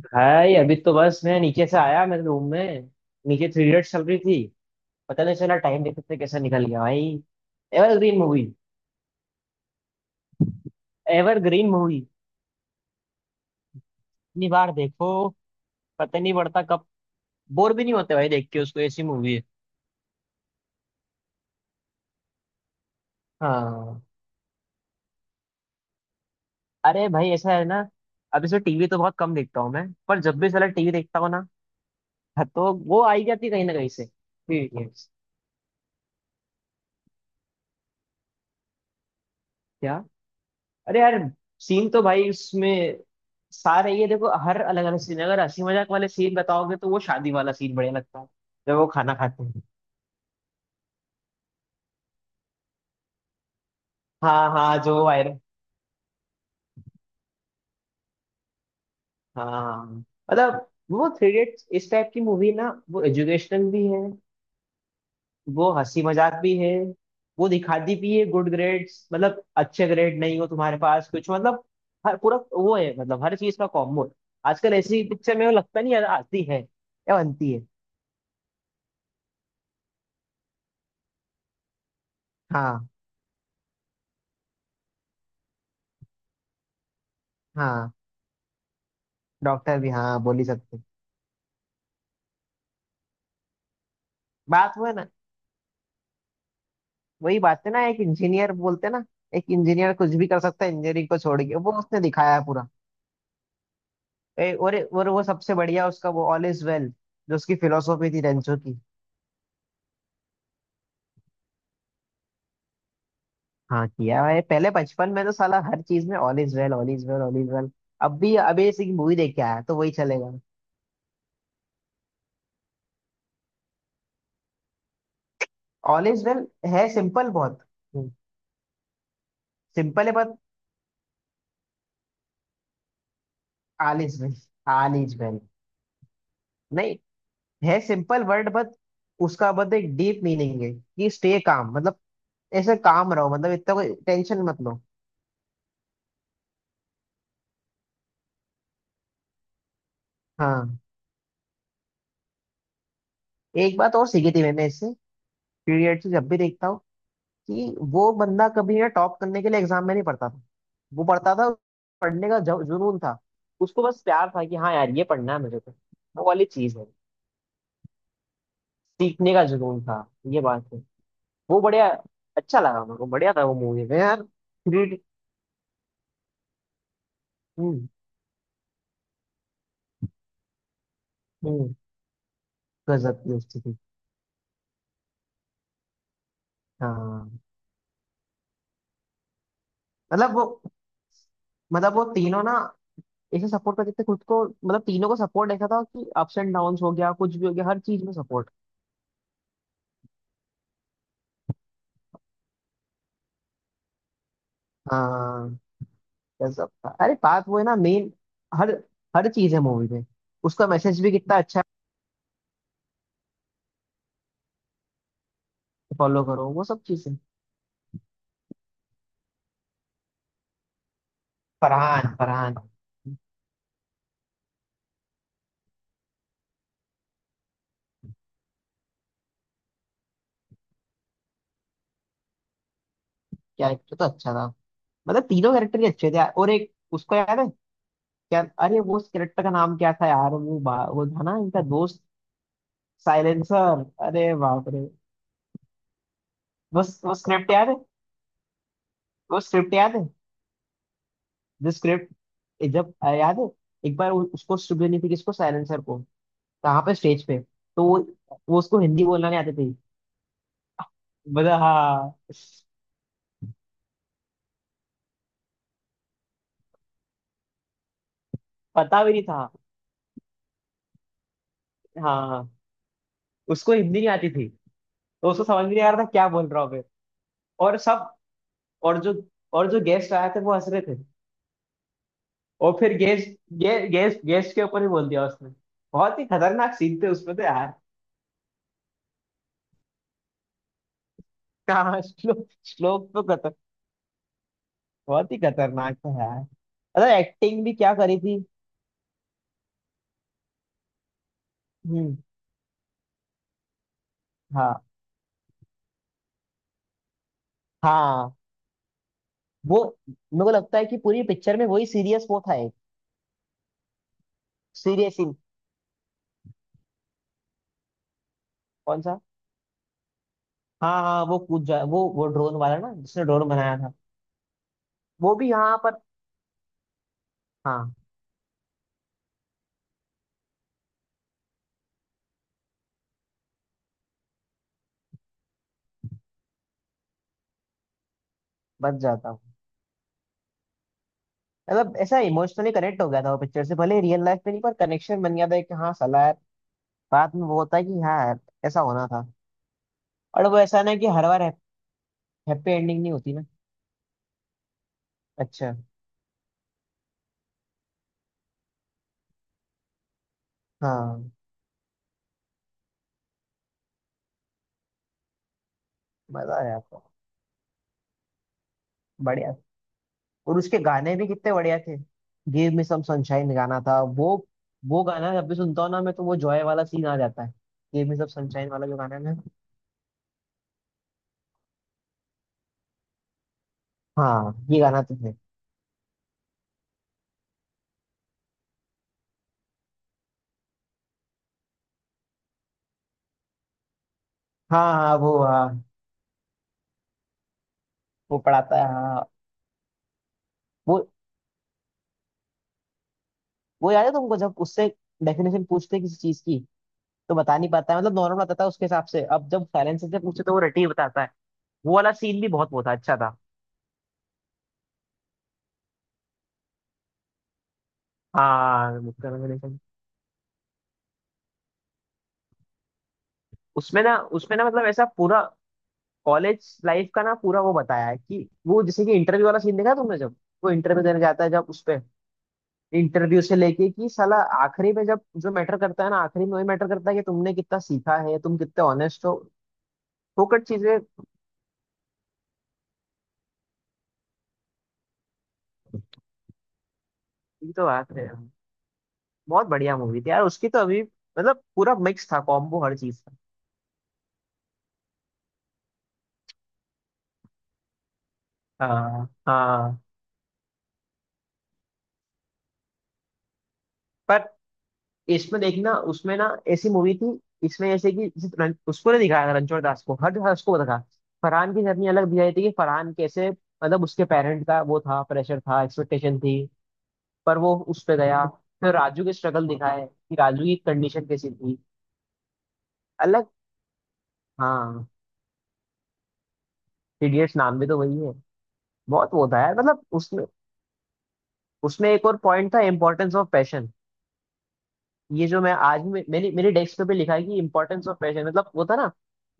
भाई, अभी तो बस मैं नीचे से आया मेरे रूम में। नीचे थ्री इडियट्स चल रही थी। पता नहीं चला, टाइम देखते देखते कैसा निकल गया भाई। Evergreen movie, evergreen movie. इतनी बार देखो, पता नहीं पड़ता कब। बोर भी नहीं होते भाई देख के उसको, ऐसी मूवी है। हाँ। अरे भाई, ऐसा है ना, अब इसे टीवी तो बहुत कम देखता हूँ मैं, पर जब भी साला टीवी देखता हूँ ना। हाँ, तो वो आई जाती है कहीं ना कहीं से थ्री इडियट्स। अरे यार, सीन तो भाई उसमें सारे, ये देखो हर अलग अलग सीन है। अगर हंसी मजाक वाले सीन बताओगे तो वो शादी वाला सीन बढ़िया लगता है, जब वो खाना खाते हैं। हाँ हाँ, जो वायरल। हाँ हाँ, हाँ। मतलब वो थ्री इडियट्स इस टाइप की मूवी ना, वो एजुकेशनल भी है। वो हंसी मजाक भी है, वो दिखाती भी है गुड ग्रेड्स, मतलब अच्छे ग्रेड नहीं हो तुम्हारे पास, कुछ मतलब। हर पूरा वो है, मतलब हर चीज का कॉम्बो। आजकल ऐसी पिक्चर में वो लगता नहीं यार, आती है या बनती है। हाँ हाँ। डॉक्टर भी हाँ बोल ही सकते। बात हुआ ना, वही बात है ना, एक इंजीनियर बोलते ना, एक इंजीनियर कुछ भी कर सकता है इंजीनियरिंग को छोड़ के, वो उसने दिखाया है पूरा। और वो सबसे बढ़िया उसका, वो ऑल इज वेल, जो उसकी फिलोसॉफी थी रेंचो की। हाँ, किया है। पहले बचपन में तो साला हर चीज में all is well, all is well, all is well. अब भी, अभी ऐसी मूवी देख के आया तो वही चलेगा। All is well. है सिंपल बहुत। सिंपल है बहुत। All is well. All is well नहीं। है सिंपल वर्ड, बट उसका मतलब एक डीप मीनिंग है, कि स्टे काम, मतलब ऐसे काम रहो, मतलब इतना कोई टेंशन मत लो। हाँ, एक बात और सीखी थी मैंने इससे, पीरियड से जब भी देखता हूँ, कि वो बंदा कभी ना टॉप करने के लिए एग्जाम में नहीं पढ़ता था, वो पढ़ता था। पढ़ने का जुनून था। उसको बस प्यार था, कि हाँ यार, ये पढ़ना है मुझे तो, वो वाली चीज है। सीखने का जुनून था, ये बात है। वो बढ़िया, अच्छा लगा मेरे को, बढ़िया था वो मूवी में यार। Creed- हम्म, हम्म, गजब की उसकी थी। हाँ। मतलब वो मतलब वो तीनों ना, ऐसे सपोर्ट करते थे खुद को, मतलब तीनों को सपोर्ट ऐसा था, कि अप्स एंड डाउन हो गया, कुछ भी हो गया, हर चीज में सपोर्ट। हाँ, गजब था। अरे बात वो है ना मेन, हर हर चीज है मूवी में, उसका मैसेज भी कितना अच्छा है, फॉलो करो वो सब चीजें। फरहान, फरहान। कैरेक्टर तो अच्छा था, मतलब तीनों कैरेक्टर ही अच्छे थे, और एक उसको याद है क्या, अरे वो उस कैरेक्टर का नाम क्या था यार, वो वो था ना इनका दोस्त। साइलेंसर, अरे बाप रे। बस वो स्क्रिप्ट याद है, वो स्क्रिप्ट याद है। जो स्क्रिप्ट, जब याद है, एक बार उसको स्टूडियो नहीं थी, किसको, सायरन सर को। कहाँ पे, स्टेज पे। तो वो उसको हिंदी बोलना नहीं आती थी, मतलब हाँ। पता भी नहीं था। हाँ, हाँ, हाँ। उसको हिंदी नहीं आती थी, तो उसको समझ भी नहीं आ रहा था क्या बोल रहा हूँ मैं। और सब और जो और जो गेस्ट आए थे, वो हंस रहे थे। और फिर गेस्ट गे, गेस्ट गेस्ट के ऊपर ही बोल दिया उसने। बहुत ही खतरनाक सीन थे उसमें तो यार। कहाँ श्लोक, श्लोक तो खतर बहुत ही खतरनाक था यार, मतलब एक्टिंग भी क्या करी थी। हम्म। हाँ हाँ, वो मेरे को लगता है कि पूरी पिक्चर में वही सीरियस वो था एक। सीरियस सीन, कौन सा? हाँ हाँ, वो कूद जा, वो ड्रोन वाला ना, जिसने ड्रोन बनाया था। वो भी यहाँ पर। हाँ, बच जाता हूँ। मतलब ऐसा इमोशनली कनेक्ट हो गया था वो पिक्चर से, भले रियल लाइफ में नहीं, पर कनेक्शन बन गया था कि हाँ साला यार, बाद में वो होता है कि हाँ यार, ऐसा होना था। और वो ऐसा ना, कि हर बार हैप्पी एंडिंग नहीं होती ना। अच्छा। हाँ, मजा आया था। बढ़िया। और उसके गाने भी कितने बढ़िया थे। गिव मी सम सनशाइन गाना था वो। वो गाना जब भी सुनता हूँ ना मैं, तो वो जॉय वाला सीन आ जाता है। गिव मी सम सनशाइन वाला जो गाना है ना। हाँ, ये गाना तो है। हाँ हाँ, वो हाँ। वो पढ़ाता है, हाँ हाँ। वो वो याद है तुमको, जब उससे डेफिनेशन पूछते हैं किसी चीज की, तो बता नहीं पाता है, मतलब नॉर्मल बताता है उसके हिसाब से। अब जब साइलेंस से पूछते, तो वो रटी हुई बताता है। वो वाला सीन भी बहुत वो था, अच्छा था। हाँ, मुक्का नंदन एकदम। उसमें ना मतलब ऐसा पूरा कॉलेज लाइफ का ना, पूरा वो बताया है, कि वो जैसे कि इंटरव्यू वाला सीन देखा है तुमने, जब वो इंटरव्यू देने जाता है, जब उस पे, इंटरव्यू से लेके कि साला, आखिरी में जब जो मैटर करता है ना, आखिरी में वही मैटर करता है, कि तुमने कितना सीखा है, तुम कितने ऑनेस्ट हो। फोकट चीजें। ये तो बात है। बहुत बढ़िया मूवी थी यार उसकी तो, अभी मतलब पूरा मिक्स था, कॉम्बो हर चीज का। हाँ हाँ, पर इसमें देखना, उसमें ना ऐसी मूवी थी। इसमें ऐसे कि जैसे उसको नहीं दिखाया था रणछोड़ दास को, हर दास को दिखा। फरहान की जर्नी अलग दिखाई थी, कि फरहान कैसे, मतलब उसके पेरेंट का वो था, प्रेशर था, एक्सपेक्टेशन थी। पर वो उस पे गया। फिर राजू के स्ट्रगल दिखाए, कि राजू की कंडीशन कैसी थी। अलग। हाँ, इडियट्स नाम भी तो वही है। बहुत वो था यार, मतलब उसमें उसमें एक और पॉइंट था, इंपॉर्टेंस ऑफ पैशन। ये जो मैं मेरी मेरी डेस्क पे लिखा है, कि इंपॉर्टेंस ऑफ पैशन, मतलब वो था ना,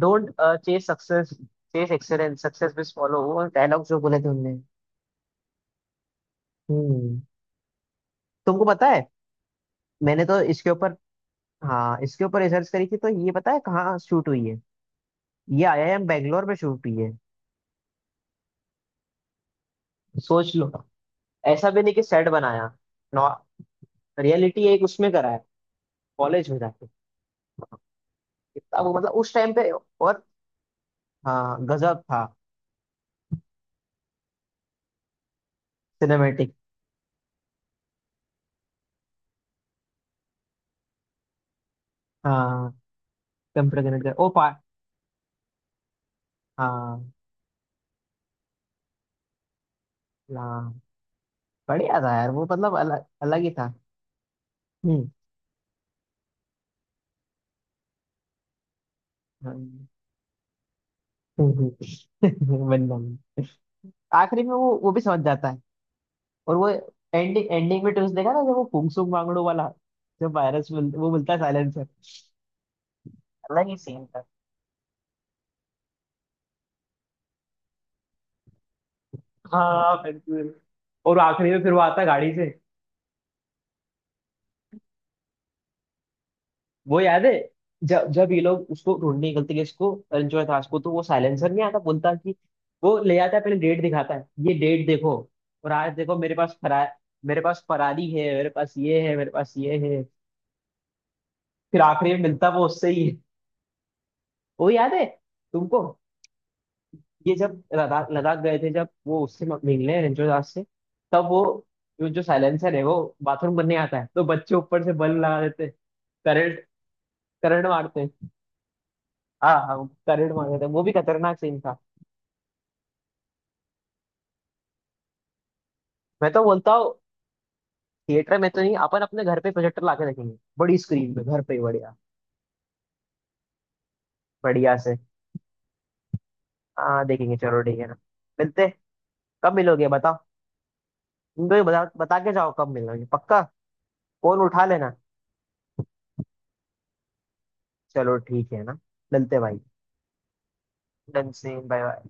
don't chase success, chase excellence, success will follow, वो डायलॉग जो बोले थे उनने। हम्म। तुमको पता है, मैंने तो इसके ऊपर, हाँ, इसके ऊपर रिसर्च करी थी, तो ये पता है कहाँ शूट हुई है। ये आईआईएम बैंगलोर में शूट हुई है। सोच लो, ऐसा भी नहीं कि सेट बनाया, नॉ। रियलिटी एक उसमें करा है, कॉलेज में जाके। कितना वो, मतलब उस टाइम पे। और हाँ, गजब था। सिनेमेटिक। हाँ, कंप्यूटर कनेक्ट कर, ओ पा। हाँ हाँ, बढ़िया था यार वो, मतलब अलग अलग ही था। हम्म। हाँ। हम्म, हम्म, बनना भी। आखिरी में वो भी समझ जाता है। और वो एंडिंग एंडिंग में ट्विस्ट देखा ना, जब वो फुंगसुक मांगड़ू वाला, वो मिलता है साइलेंसर। अलग ही सीन था। हाँ बिल्कुल। और आखिरी में फिर वो आता है गाड़ी से। वो याद है, जब जब ये लोग उसको ढूंढने निकलते हैं, इसको रंजोय दास को, तो वो साइलेंसर नहीं आता, बोलता है कि वो ले आता है, पहले डेट दिखाता है, ये डेट देखो, और आज देखो, मेरे पास फरा मेरे पास फरारी है, मेरे पास ये है, मेरे पास ये है। फिर आखिरी में मिलता वो उससे ही है। वो याद है तुमको, ये जब लद्दाख लद्दाख गए थे, जब वो उससे मिलने रंजोय दास से, तब वो, जो जो साइलेंसर है, वो बाथरूम करने आता है, तो बच्चे ऊपर से बल्ब लगा देते, करंट करंट मारते हैं। हाँ हाँ, करंट मार देते हैं, वो भी खतरनाक सीन था। मैं तो बोलता हूँ, थिएटर में तो नहीं, अपन अपने घर पे प्रोजेक्टर लाके देखेंगे, बड़ी स्क्रीन पे, घर पे बढ़िया। बढ़िया से। हाँ, देखेंगे, चलो ठीक है ना। मिलते हैं। कब मिलोगे बताओ। तुम तो बता बता के जाओ, कब मिलोगे पक्का। फोन उठा लेना। चलो ठीक है ना, मिलते हैं भाई। Done, same, bye bye.